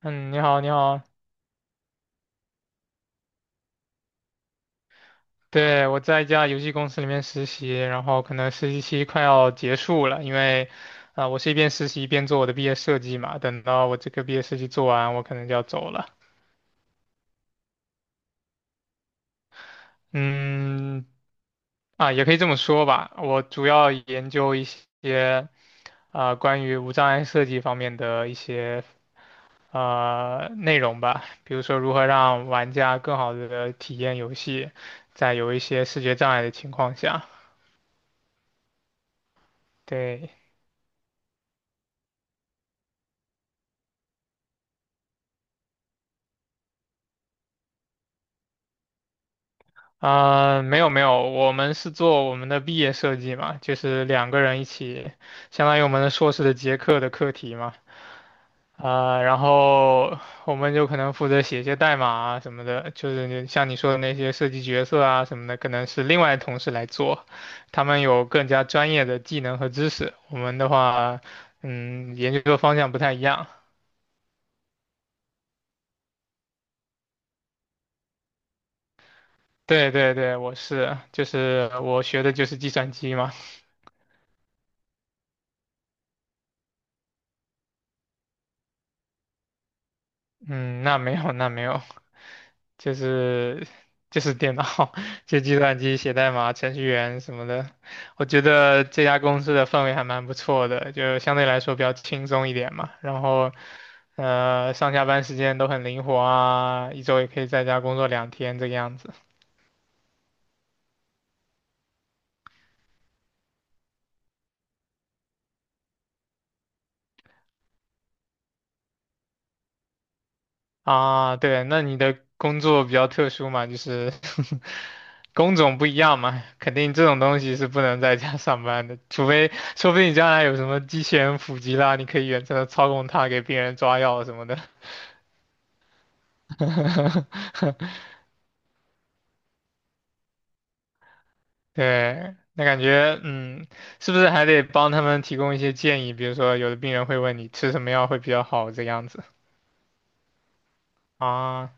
嗯，你好，你好，对，我在一家游戏公司里面实习，然后可能实习期快要结束了，因为，啊、我是一边实习一边做我的毕业设计嘛，等到我这个毕业设计做完，我可能就要走了。嗯，啊，也可以这么说吧，我主要研究一些啊、关于无障碍设计方面的一些内容吧，比如说如何让玩家更好的体验游戏，在有一些视觉障碍的情况下，对。啊、没有没有，我们是做我们的毕业设计嘛，就是2个人一起，相当于我们的硕士的结课的课题嘛。啊、然后我们就可能负责写一些代码啊什么的，就是你像你说的那些设计角色啊什么的，可能是另外同事来做，他们有更加专业的技能和知识。我们的话，嗯，研究的方向不太一样。对对对，我是，就是我学的就是计算机嘛。嗯，那没有那没有。就是就是电脑，就计算机写代码、程序员什么的。我觉得这家公司的氛围还蛮不错的，就相对来说比较轻松一点嘛。然后，上下班时间都很灵活啊，一周也可以在家工作2天这个样子。啊，对，那你的工作比较特殊嘛，就是 工种不一样嘛，肯定这种东西是不能在家上班的，除非说不定你将来有什么机器人普及啦，你可以远程的操控它给病人抓药什么的。对，那感觉嗯，是不是还得帮他们提供一些建议？比如说，有的病人会问你吃什么药会比较好这样子啊，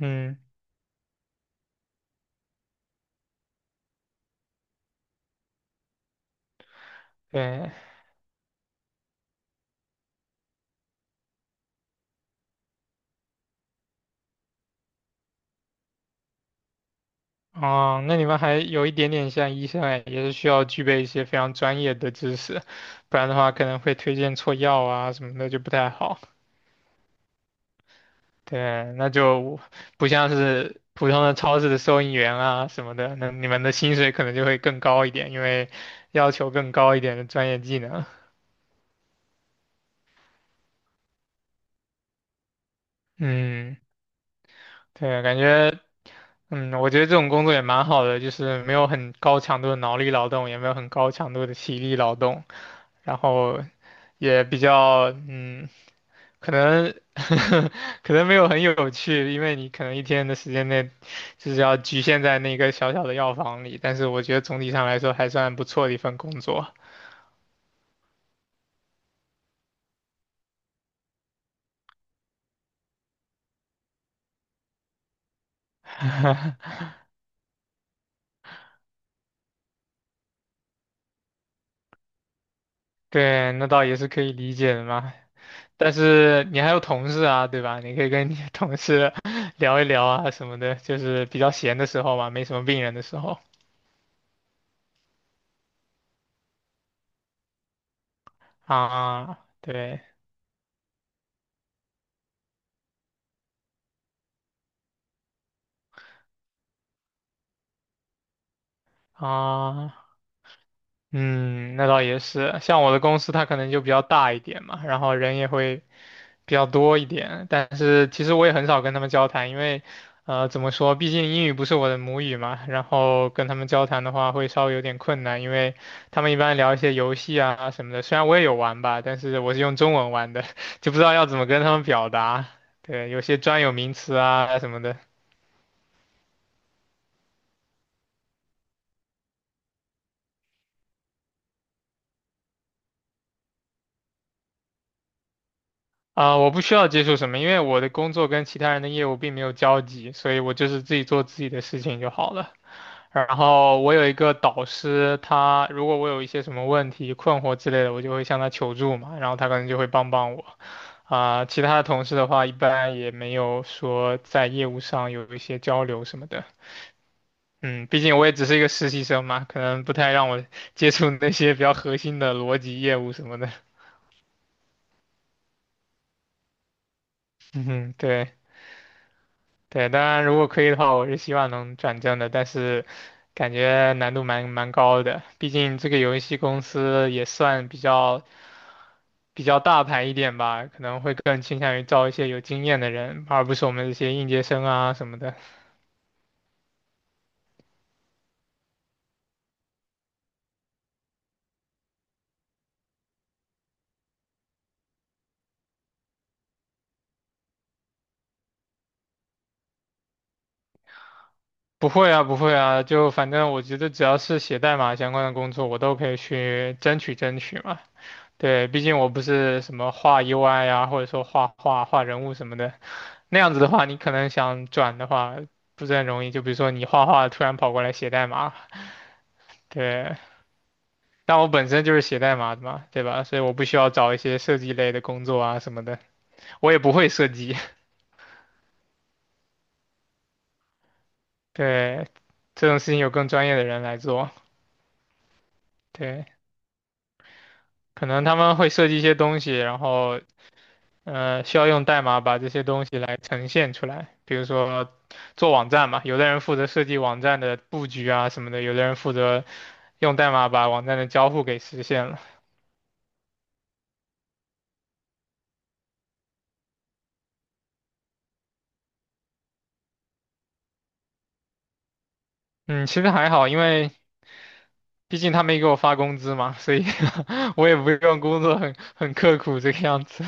嗯，对。哦，那你们还有一点点像医生哎，也是需要具备一些非常专业的知识，不然的话可能会推荐错药啊什么的就不太好。对，那就不像是普通的超市的收银员啊什么的，那你们的薪水可能就会更高一点，因为要求更高一点的专业技能。嗯，对，感觉。嗯，我觉得这种工作也蛮好的，就是没有很高强度的脑力劳动，也没有很高强度的体力劳动，然后也比较嗯，可能 可能没有很有趣，因为你可能一天的时间内就是要局限在那个小小的药房里，但是我觉得总体上来说还算不错的一份工作。对，那倒也是可以理解的嘛。但是你还有同事啊，对吧？你可以跟你的同事 聊一聊啊什么的，就是比较闲的时候嘛，没什么病人的时候啊，对啊，嗯，那倒也是。像我的公司，它可能就比较大一点嘛，然后人也会比较多一点，但是其实我也很少跟他们交谈，因为，怎么说，毕竟英语不是我的母语嘛，然后跟他们交谈的话会稍微有点困难，因为他们一般聊一些游戏啊什么的，虽然我也有玩吧，但是我是用中文玩的，就不知道要怎么跟他们表达，对，有些专有名词啊什么的。啊、我不需要接触什么，因为我的工作跟其他人的业务并没有交集，所以我就是自己做自己的事情就好了。然后我有一个导师，他如果我有一些什么问题、困惑之类的，我就会向他求助嘛，然后他可能就会帮帮我。啊、其他的同事的话，一般也没有说在业务上有一些交流什么的。嗯，毕竟我也只是一个实习生嘛，可能不太让我 接触那些比较核心的逻辑业务什么的。嗯，对对，当然如果可以的话，我是希望能转正的，但是感觉难度蛮高的，毕竟这个游戏公司也算比较。比较大牌一点吧，可能会更倾向于招一些有经验的人，而不是我们这些应届生啊什么的。不会啊，不会啊，就反正我觉得只要是写代码相关的工作，我都可以去争取争取嘛。对，毕竟我不是什么画 UI 啊，或者说画人物什么的，那样子的话，你可能想转的话不是很容易。就比如说你画画突然跑过来写代码，对，但我本身就是写代码的嘛，对吧？所以我不需要找一些设计类的工作啊什么的，我也不会设计。对，这种事情有更专业的人来做。对，可能他们会设计一些东西，然后需要用代码把这些东西来呈现出来。比如说做网站嘛，有的人负责设计网站的布局啊什么的，有的人负责用代码把网站的交互给实现了。嗯，其实还好，因为毕竟他没给我发工资嘛，所以 我也不用工作很刻苦这个样子。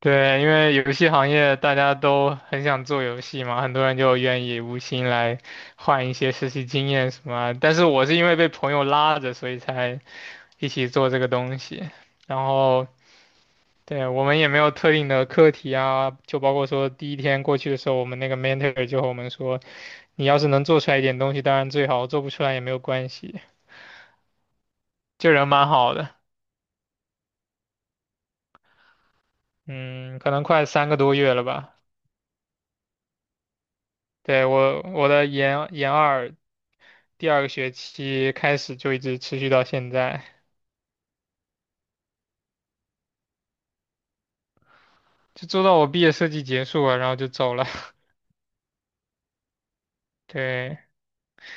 对，因为游戏行业大家都很想做游戏嘛，很多人就愿意无薪来换一些实习经验什么啊但是我是因为被朋友拉着，所以才一起做这个东西。然后，对，我们也没有特定的课题啊，就包括说第一天过去的时候，我们那个 mentor 就和我们说，你要是能做出来一点东西，当然最好，做不出来也没有关系。就人蛮好的，嗯，可能快3个多月了吧。对，我的研二第二个学期开始就一直持续到现在，就做到我毕业设计结束了，然后就走了。对，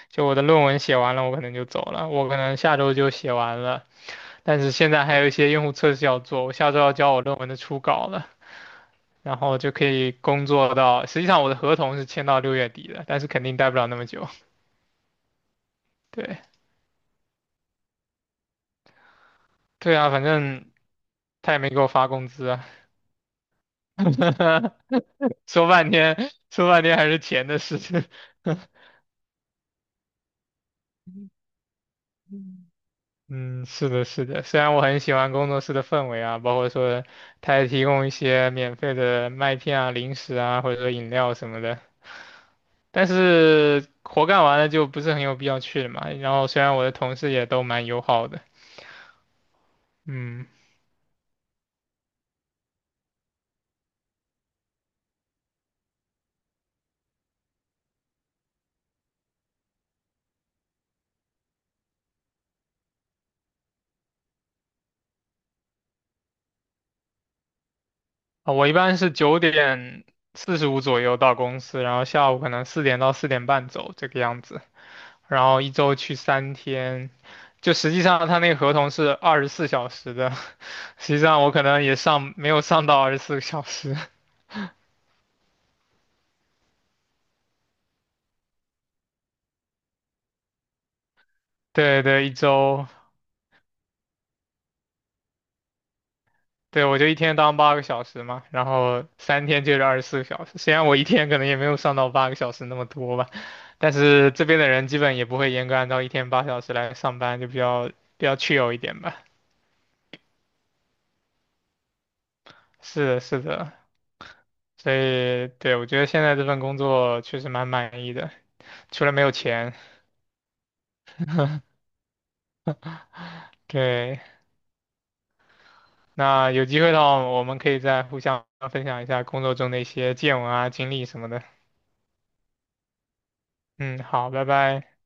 就我的论文写完了，我可能就走了，我可能下周就写完了，但是现在还有一些用户测试要做，我下周要交我论文的初稿了，然后就可以工作到，实际上我的合同是签到6月底的，但是肯定待不了那么久。对，对啊，反正他也没给我发工资啊，说半天说半天还是钱的事情。嗯，是的，是的。虽然我很喜欢工作室的氛围啊，包括说它也提供一些免费的麦片啊、零食啊，或者说饮料什么的，但是活干完了就不是很有必要去了嘛。然后虽然我的同事也都蛮友好的，嗯，啊，我一般是9:45左右到公司，然后下午可能4点到4点半走这个样子。然后一周去三天，就实际上他那个合同是24小时的，实际上我可能也上没有上到二十四个小时，对对，一周，对我就一天当八个小时嘛，然后三天就是二十四个小时，虽然我一天可能也没有上到八个小时那么多吧，但是这边的人基本也不会严格按照一天8小时来上班，就比较 chill 一点吧，是的，是的。所以，对，我觉得现在这份工作确实蛮满意的，除了没有钱。对，那有机会的话，我们可以再互相分享一下工作中的一些见闻啊、经历什么的。嗯，好，拜拜。